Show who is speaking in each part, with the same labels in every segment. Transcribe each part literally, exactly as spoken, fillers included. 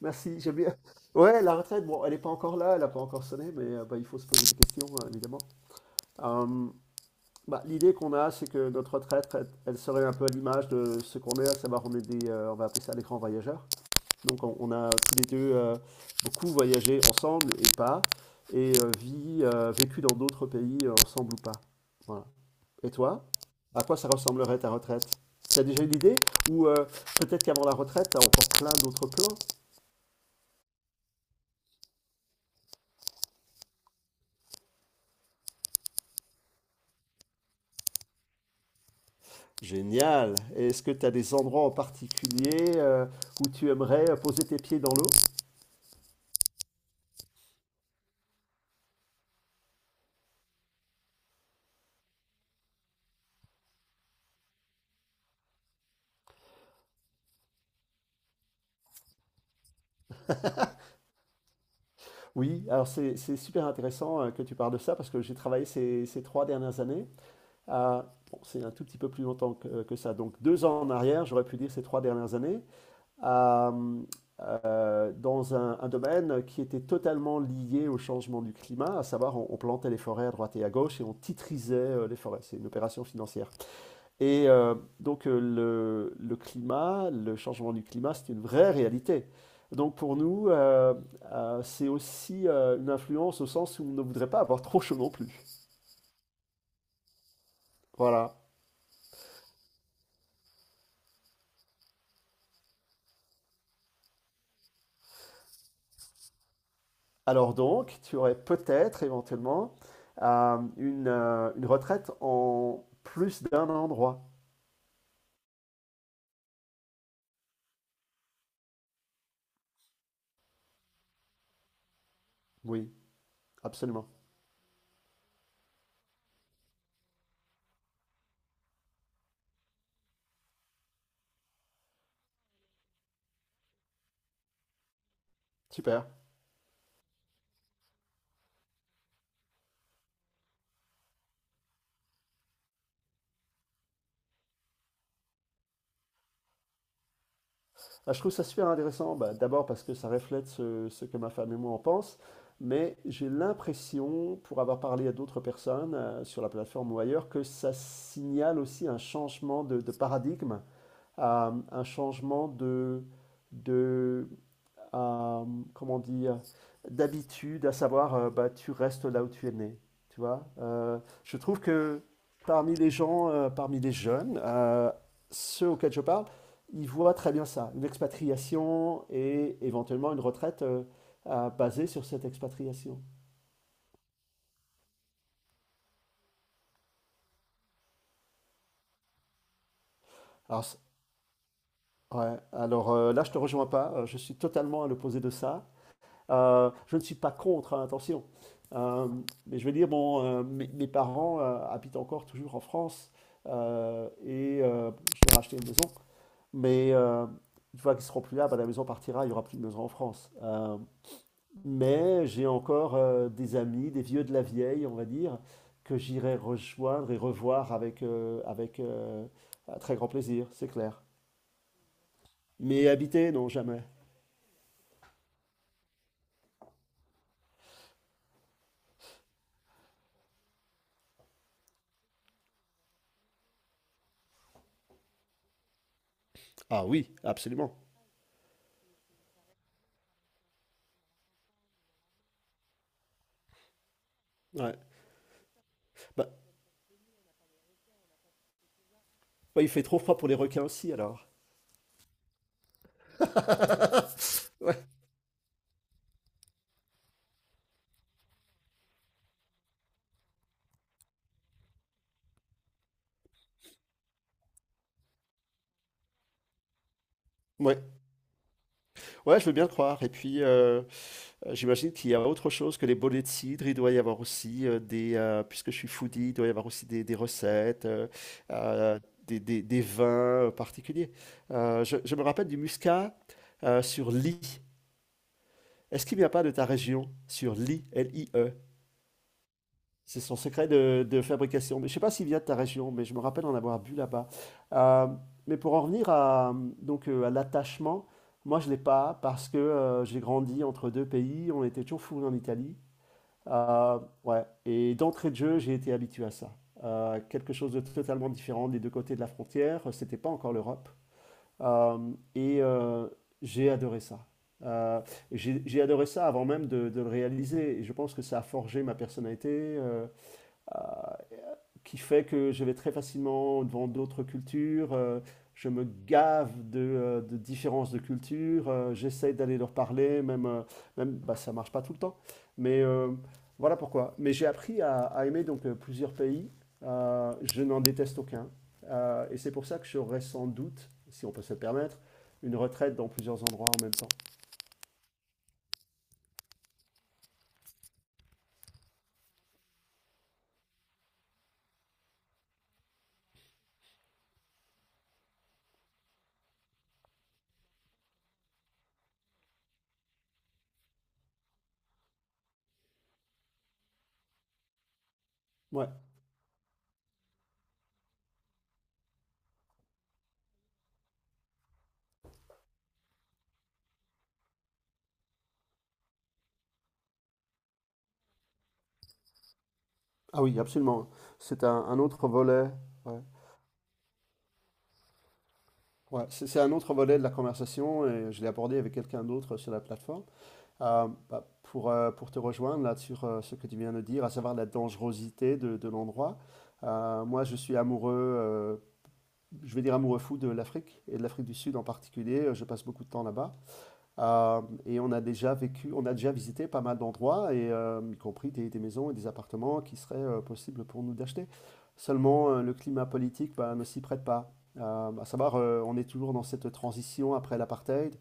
Speaker 1: Merci, j'aime bien. Ouais, la retraite, bon, elle n'est pas encore là, elle n'a pas encore sonné, mais euh, bah, il faut se poser des questions, euh, évidemment. Euh, bah, l'idée qu'on a, c'est que notre retraite, elle, elle serait un peu à l'image de ce qu'on est, à savoir, on est des, euh, on va appeler ça des grands voyageurs. Donc, on, on a tous les deux euh, beaucoup voyagé ensemble et pas, et euh, vie, euh, vécu dans d'autres pays euh, ensemble ou pas. Voilà. Et toi, à quoi ça ressemblerait ta retraite? Tu as déjà une idée? Ou euh, peut-être qu'avant la retraite, tu as encore plein d'autres plans? Génial. Est-ce que tu as des endroits en particulier euh, où tu aimerais euh, poser tes pieds dans l'eau? Oui, alors c'est c'est super intéressant euh, que tu parles de ça parce que j'ai travaillé ces, ces trois dernières années. à- bon, c'est un tout petit peu plus longtemps que, que ça. Donc deux ans en arrière, j'aurais pu dire ces trois dernières années, à, euh, dans un, un domaine qui était totalement lié au changement du climat, à savoir on, on plantait les forêts à droite et à gauche et on titrisait euh, les forêts. C'est une opération financière. Et euh, donc euh, le, le climat, le changement du climat, c'est une vraie réalité. Donc pour nous, euh, euh, c'est aussi euh, une influence au sens où on ne voudrait pas avoir trop chaud non plus. Voilà. Alors donc, tu aurais peut-être éventuellement euh, une, euh, une retraite en plus d'un endroit. Oui, absolument. Super. Ah, je trouve ça super intéressant, bah, d'abord parce que ça reflète ce, ce que ma femme et moi en pense, mais j'ai l'impression, pour avoir parlé à d'autres personnes euh, sur la plateforme ou ailleurs, que ça signale aussi un changement de, de paradigme, euh, un changement de, de, euh, comment on dit, euh, d'habitude, à savoir, euh, bah, tu restes là où tu es né, tu vois. Euh, je trouve que parmi les gens, euh, parmi les jeunes, euh, ceux auxquels je parle, ils voient très bien ça, une expatriation et éventuellement une retraite euh, à- basée sur cette expatriation. Alors, c- ouais, alors euh, là, je te rejoins pas, euh, je suis totalement à l'opposé de ça. Euh, je ne suis pas contre, hein, attention. Euh, mais je veux dire, bon, euh, mes, mes parents euh, habitent encore toujours en France euh, et euh, je leur ai acheté une maison. Mais euh, une fois qu'ils seront plus là, bah, la maison partira, il n'y aura plus de maison en France. Euh, mais j'ai encore euh, des amis, des vieux de la vieille, on va dire, que j'irai rejoindre et revoir avec, euh, avec euh, un très grand plaisir, c'est clair. Mais habiter, non, jamais. Ah oui, absolument. Ouais. Bah, bah, il fait trop froid pour les requins aussi, alors. Ouais. Ouais. Ouais, je veux bien le croire. Et puis, heu, heu, j'imagine qu'il y a autre chose que les bonnets de cidre. Il doit y avoir aussi, heu, des, heu, puisque je suis foodie, il doit y avoir aussi des des recettes, heu, heu, des des des vins, heu, particuliers. Heu, je je me rappelle du muscat, heu, sur Ly. Est-ce qu'il n'y a pas de ta région? Sur Ly, L I E. C'est son secret de, de fabrication. Mais je ne sais pas s'il vient de ta région, mais je me rappelle en avoir bu là-bas. Euh, mais pour en revenir à, donc, euh, à l'attachement, moi je ne l'ai pas parce que euh, j'ai grandi entre deux pays, on était toujours fourrés en Italie. Euh, ouais. Et d'entrée de jeu, j'ai été habitué à ça. Euh, quelque chose de totalement différent des deux côtés de la frontière, c'était pas encore l'Europe. Euh, et euh, j'ai adoré ça. Euh, j'ai j'ai adoré ça avant même de, de le réaliser. Et je pense que ça a forgé ma personnalité, Euh, qui fait que je vais très facilement devant d'autres cultures, euh, je me gave de, euh, de différences de cultures, euh, j'essaie d'aller leur parler, même, euh, même bah, ça marche pas tout le temps. Mais euh, voilà pourquoi. Mais j'ai appris à, à aimer donc euh, plusieurs pays. Euh, je n'en déteste aucun. Euh, et c'est pour ça que j'aurais sans doute, si on peut se le permettre, une retraite dans plusieurs endroits en même temps. Ouais. Ah oui, absolument. C'est un, un autre volet. Ouais. Ouais, c'est c'est un autre volet de la conversation et je l'ai abordé avec quelqu'un d'autre sur la plateforme. Euh, bah, pour, euh, pour te rejoindre là sur euh, ce que tu viens de dire, à savoir la dangerosité de, de l'endroit, euh, moi je suis amoureux, euh, je vais dire amoureux fou de l'Afrique et de l'Afrique du Sud en particulier. Je passe beaucoup de temps là-bas. Euh, et on a déjà vécu, on a déjà visité pas mal d'endroits, et euh, y compris des, des maisons et des appartements qui seraient euh, possibles pour nous d'acheter. Seulement, euh, le climat politique bah, ne s'y prête pas. Euh, à savoir, euh, on est toujours dans cette transition après l'apartheid.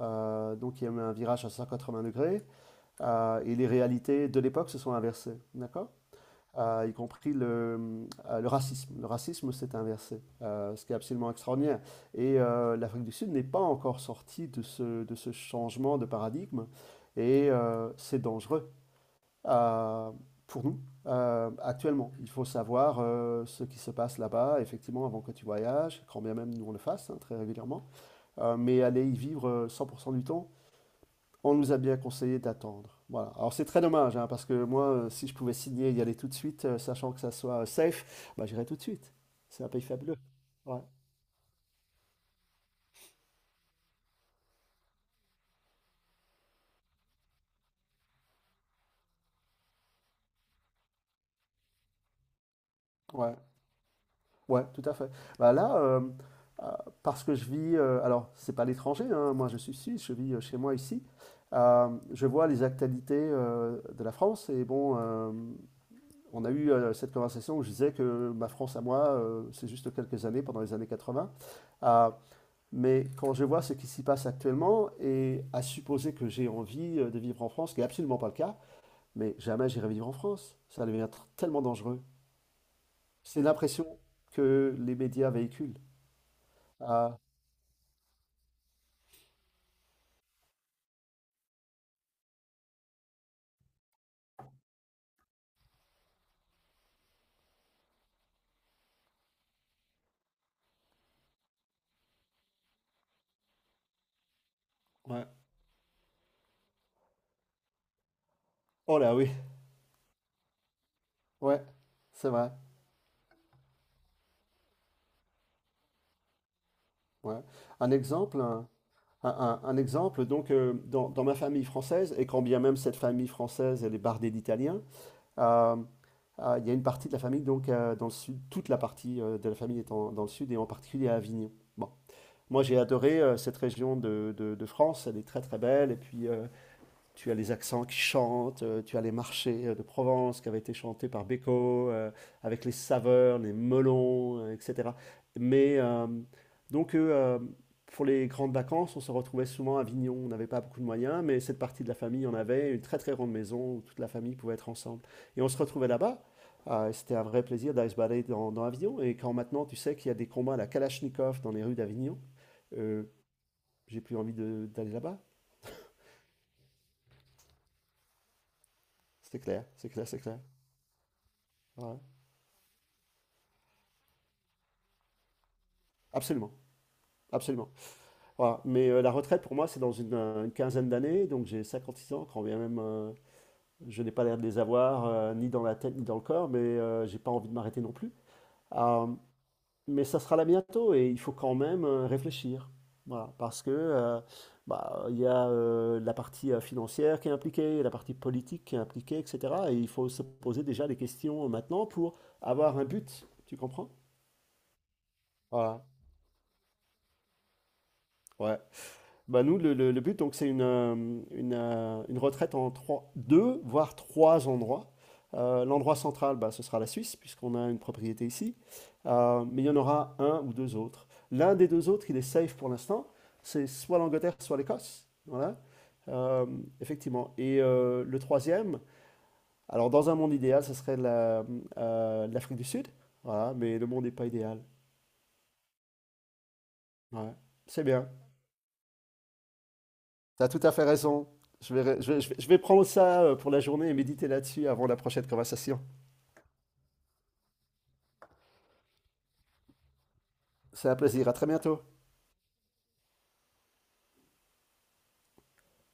Speaker 1: Euh, donc, il y a eu un virage à cent quatre-vingts degrés, euh, et les réalités de l'époque se sont inversées. D'accord? Euh, y compris le, euh, le racisme. Le racisme s'est inversé, euh, ce qui est absolument extraordinaire. Et euh, l'Afrique du Sud n'est pas encore sortie de ce, de ce changement de paradigme, et euh, c'est dangereux euh, pour nous euh, actuellement. Il faut savoir euh, ce qui se passe là-bas, effectivement, avant que tu voyages, quand bien même nous on le fasse hein, très régulièrement. Euh, mais aller y vivre euh, cent pour cent du temps, on nous a bien conseillé d'attendre. Voilà. Alors c'est très dommage, hein, parce que moi, euh, si je pouvais signer et y aller tout de suite, euh, sachant que ça soit euh, safe, bah, j'irais tout de suite. C'est un pays fabuleux. Ouais, ouais, ouais, tout à fait. Bah là, euh, euh, parce que je vis, euh, alors c'est pas l'étranger, hein, moi je suis suisse, je vis euh, chez moi ici. Euh, je vois les actualités euh, de la France et bon, euh, on a eu euh, cette conversation où je disais que ma France à moi, euh, c'est juste quelques années, pendant les années quatre-vingt. Mais quand je vois ce qui s'y passe actuellement, et à supposer que j'ai envie euh, de vivre en France, ce qui n'est absolument pas le cas, mais jamais j'irai vivre en France. Ça devient tr- tellement dangereux. C'est l'impression que les médias véhiculent. Ah, ouais. Oh là oui, ouais, c'est vrai. Ouais. Un exemple, un, un- un- un exemple, donc euh, dans, dans ma famille française, et quand bien même cette famille française, elle est bardée d'Italiens, euh, euh, il y a une partie de la famille donc euh, dans le sud, toute la partie euh, de la famille est en- dans le sud et en particulier à Avignon. Bon. Moi, j'ai adoré euh, cette région de, de- de France, elle est très très belle. Et puis, euh, tu as les accents qui chantent, euh, tu as les marchés euh, de Provence qui avaient été chantés par Beko, euh, avec les saveurs, les melons, euh, et cetera. Mais euh, donc, euh, euh, pour les grandes vacances, on se retrouvait souvent à Avignon. On n'avait pas beaucoup de moyens, mais cette partie de la famille en avait une très très grande maison où toute la famille pouvait être ensemble. Et on se retrouvait là-bas. Ah, et c'était un vrai plaisir d'aller se balader dans, dans Avignon. Et quand maintenant tu sais qu'il y a des combats à la Kalachnikov dans les rues d'Avignon, euh, j'ai plus envie de- d'aller là-bas. C'est clair, c'est clair, c'est clair. Ouais. Absolument, absolument. Voilà. Mais euh, la retraite, pour moi, c'est dans une, euh, une quinzaine d'années, donc j'ai cinquante-six ans, quand bien même euh, je n'ai pas l'air de les avoir, euh, ni dans la tête, ni dans le corps, mais euh, j'ai pas envie de m'arrêter non plus. Euh, Mais ça sera là bientôt et il faut quand même euh, réfléchir. Voilà, parce que euh, bah, il y a euh, la partie euh, financière qui est impliquée, la partie politique qui est impliquée, et cetera. Et il faut se poser déjà des questions maintenant pour avoir un but. Tu comprends? Voilà. Ouais. Bah nous, le, le- le but, donc, c'est une, euh, une, euh, une retraite en trois, deux, voire trois endroits. Euh, l'endroit central, bah, ce sera la Suisse, puisqu'on a une propriété ici. Euh, mais il y en aura un ou deux autres. L'un des deux autres, il est safe pour l'instant. C'est soit l'Angleterre, soit l'Écosse. Voilà. Euh, Effectivement. Et euh, le troisième, alors dans un monde idéal, ce serait la- euh, l'Afrique du Sud. Voilà, mais le monde n'est pas idéal. Ouais. C'est bien. T'as tout à fait raison. Je vais, je vais- je vais je vais prendre ça euh, pour la journée et méditer là-dessus avant la prochaine conversation. C'est un plaisir. À très bientôt.